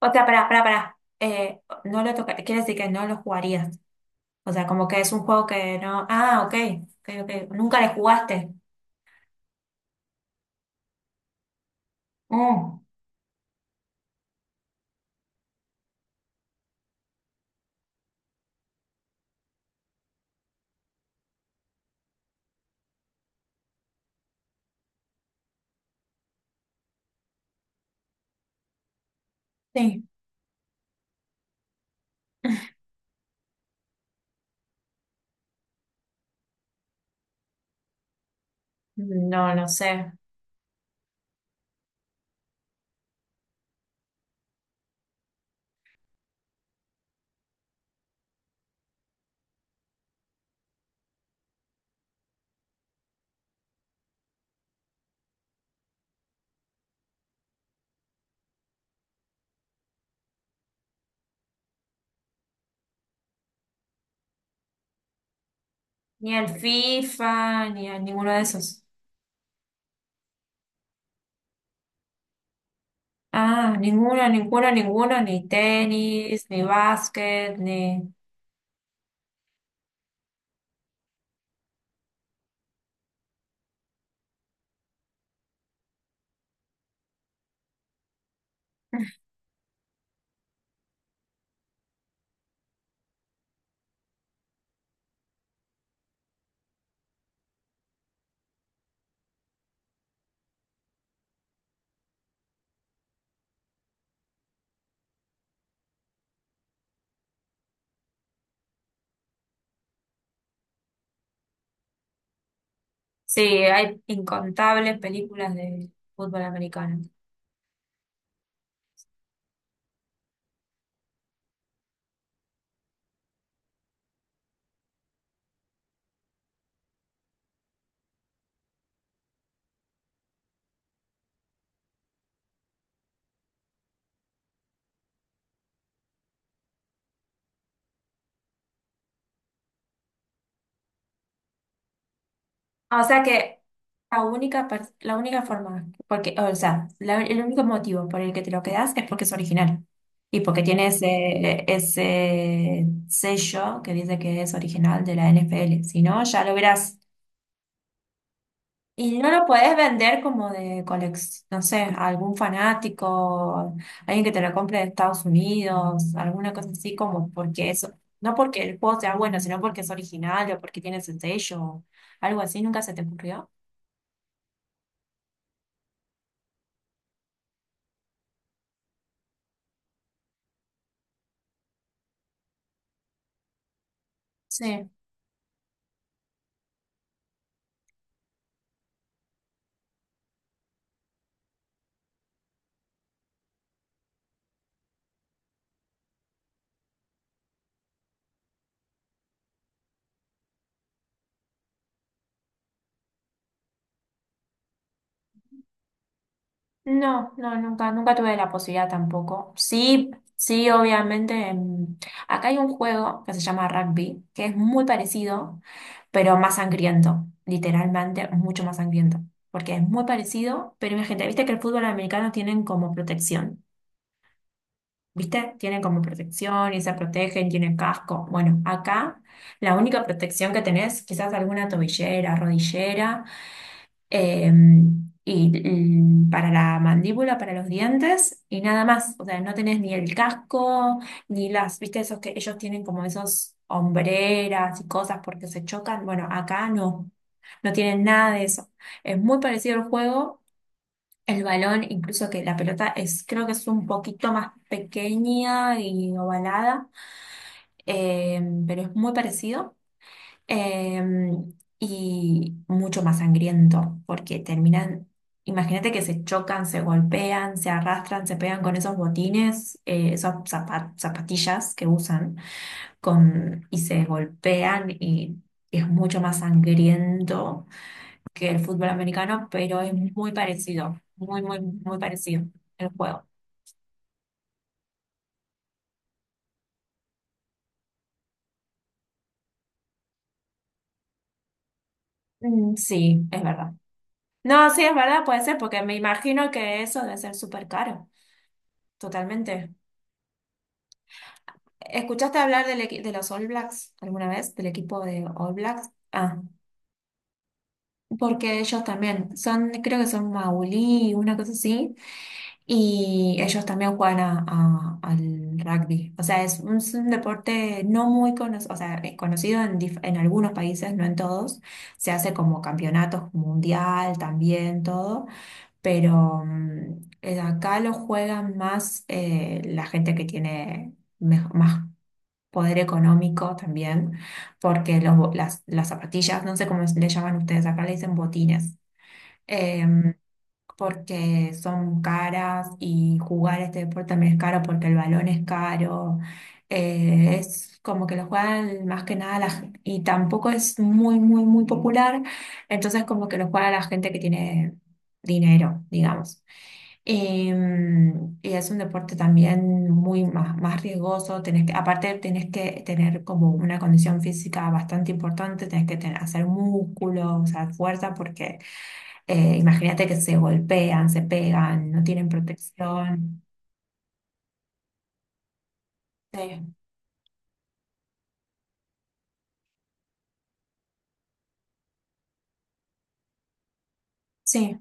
O sea, pará, pará, pará. No lo toca, quiere decir que no lo jugarías. O sea, como que es un juego que no. Ah, ok, ok, ok. Nunca le jugaste. Mm, sí. No, no sé. Ni al FIFA, ni a ninguno de esos. Ah, ninguno, ninguno, ninguno, ni tenis, ni básquet, ni... Sí, hay incontables películas de fútbol americano. O sea que la única forma, porque, o sea, el único motivo por el que te lo quedas es porque es original y porque tiene ese sello que dice que es original de la NFL. Si no, ya lo verás. Y no lo podés vender como de colección, no sé, a algún fanático, alguien que te lo compre de Estados Unidos, alguna cosa así como porque eso, no porque el juego sea bueno, sino porque es original o porque tiene ese sello, algo así, nunca se te ocurrió. Sí. No, no, nunca, nunca tuve la posibilidad tampoco. Sí, sí, obviamente. Acá hay un juego que se llama rugby, que es muy parecido, pero más sangriento, literalmente mucho más sangriento, porque es muy parecido, pero imagínate, viste que el fútbol americano tienen como protección, viste, tienen como protección y se protegen, tienen casco. Bueno, acá la única protección que tenés, quizás alguna tobillera, rodillera eh, y para la mandíbula, para los dientes, y nada más. O sea, no tenés ni el casco, ni las, viste, esos que ellos tienen como esos hombreras y cosas porque se chocan. Bueno, acá no, no tienen nada de eso. Es muy parecido al juego. El balón, incluso que la pelota es, creo que es un poquito más pequeña y ovalada, eh, pero es muy parecido. Y mucho más sangriento, porque imagínate que se chocan, se golpean, se arrastran, se pegan con esos botines, esas zapatillas que usan, y se golpean y es mucho más sangriento que el fútbol americano, pero es muy parecido, muy, muy, muy parecido el juego. Mm, sí, es verdad. No, sí, es verdad, puede ser, porque me imagino que eso debe ser súper caro, totalmente. ¿Escuchaste hablar de los All Blacks alguna vez? ¿Del equipo de All Blacks? Ah, porque ellos también son, creo que son maulí, una cosa así, y ellos también juegan al rugby. O sea, es un deporte no muy conocido, o sea, es conocido en algunos países, no en todos. Se hace como campeonatos mundial también, todo, pero acá lo juegan más la gente que tiene... más poder económico también, porque las zapatillas, no sé cómo le llaman ustedes, acá le dicen botines, em, porque son caras y jugar este deporte también es caro porque el balón es caro, es como que lo juegan más que nada y tampoco es muy, muy, muy popular, entonces como que lo juega la gente que tiene dinero, digamos. Y es un deporte también más riesgoso, aparte tenés que tener como una condición física bastante importante, hacer músculo, o sea, fuerza, porque imagínate que se golpean, se pegan, no tienen protección. Sí, sí,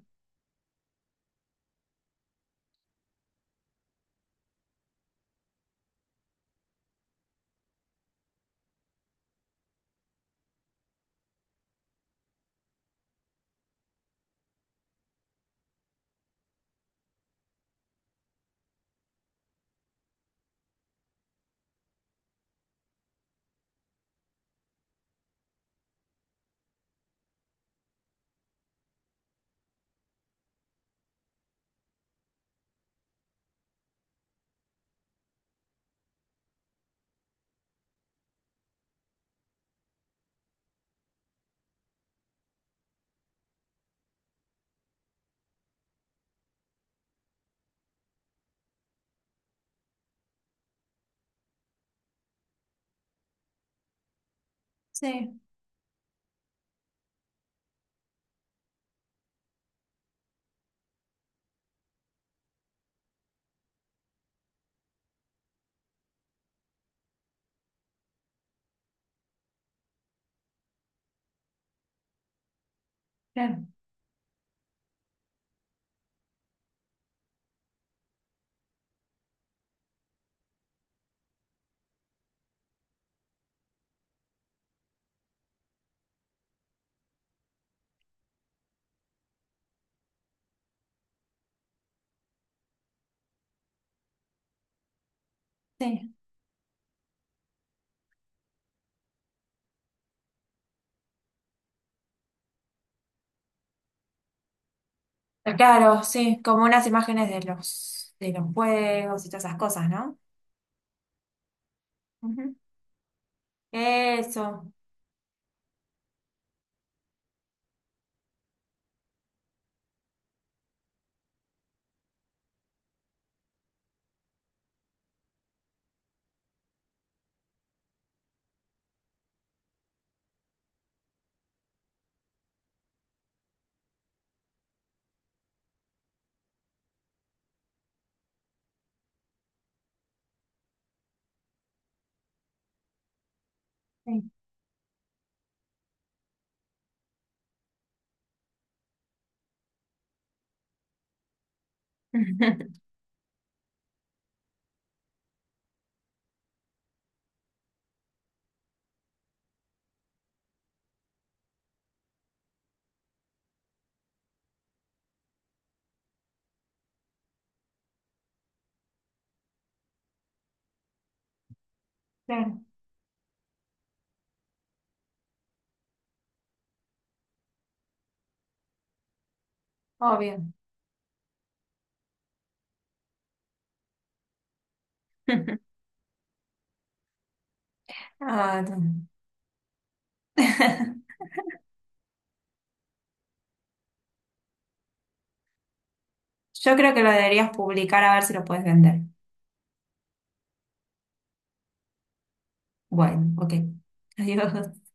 sí, claro, sí. Claro, sí, como unas imágenes de de los juegos y todas esas cosas, ¿no? Ujú. Eso, sí. Claro, obvio. Ah, no. Yo creo que lo deberías publicar a ver si lo puedes vender. Bueno, ok. Adiós.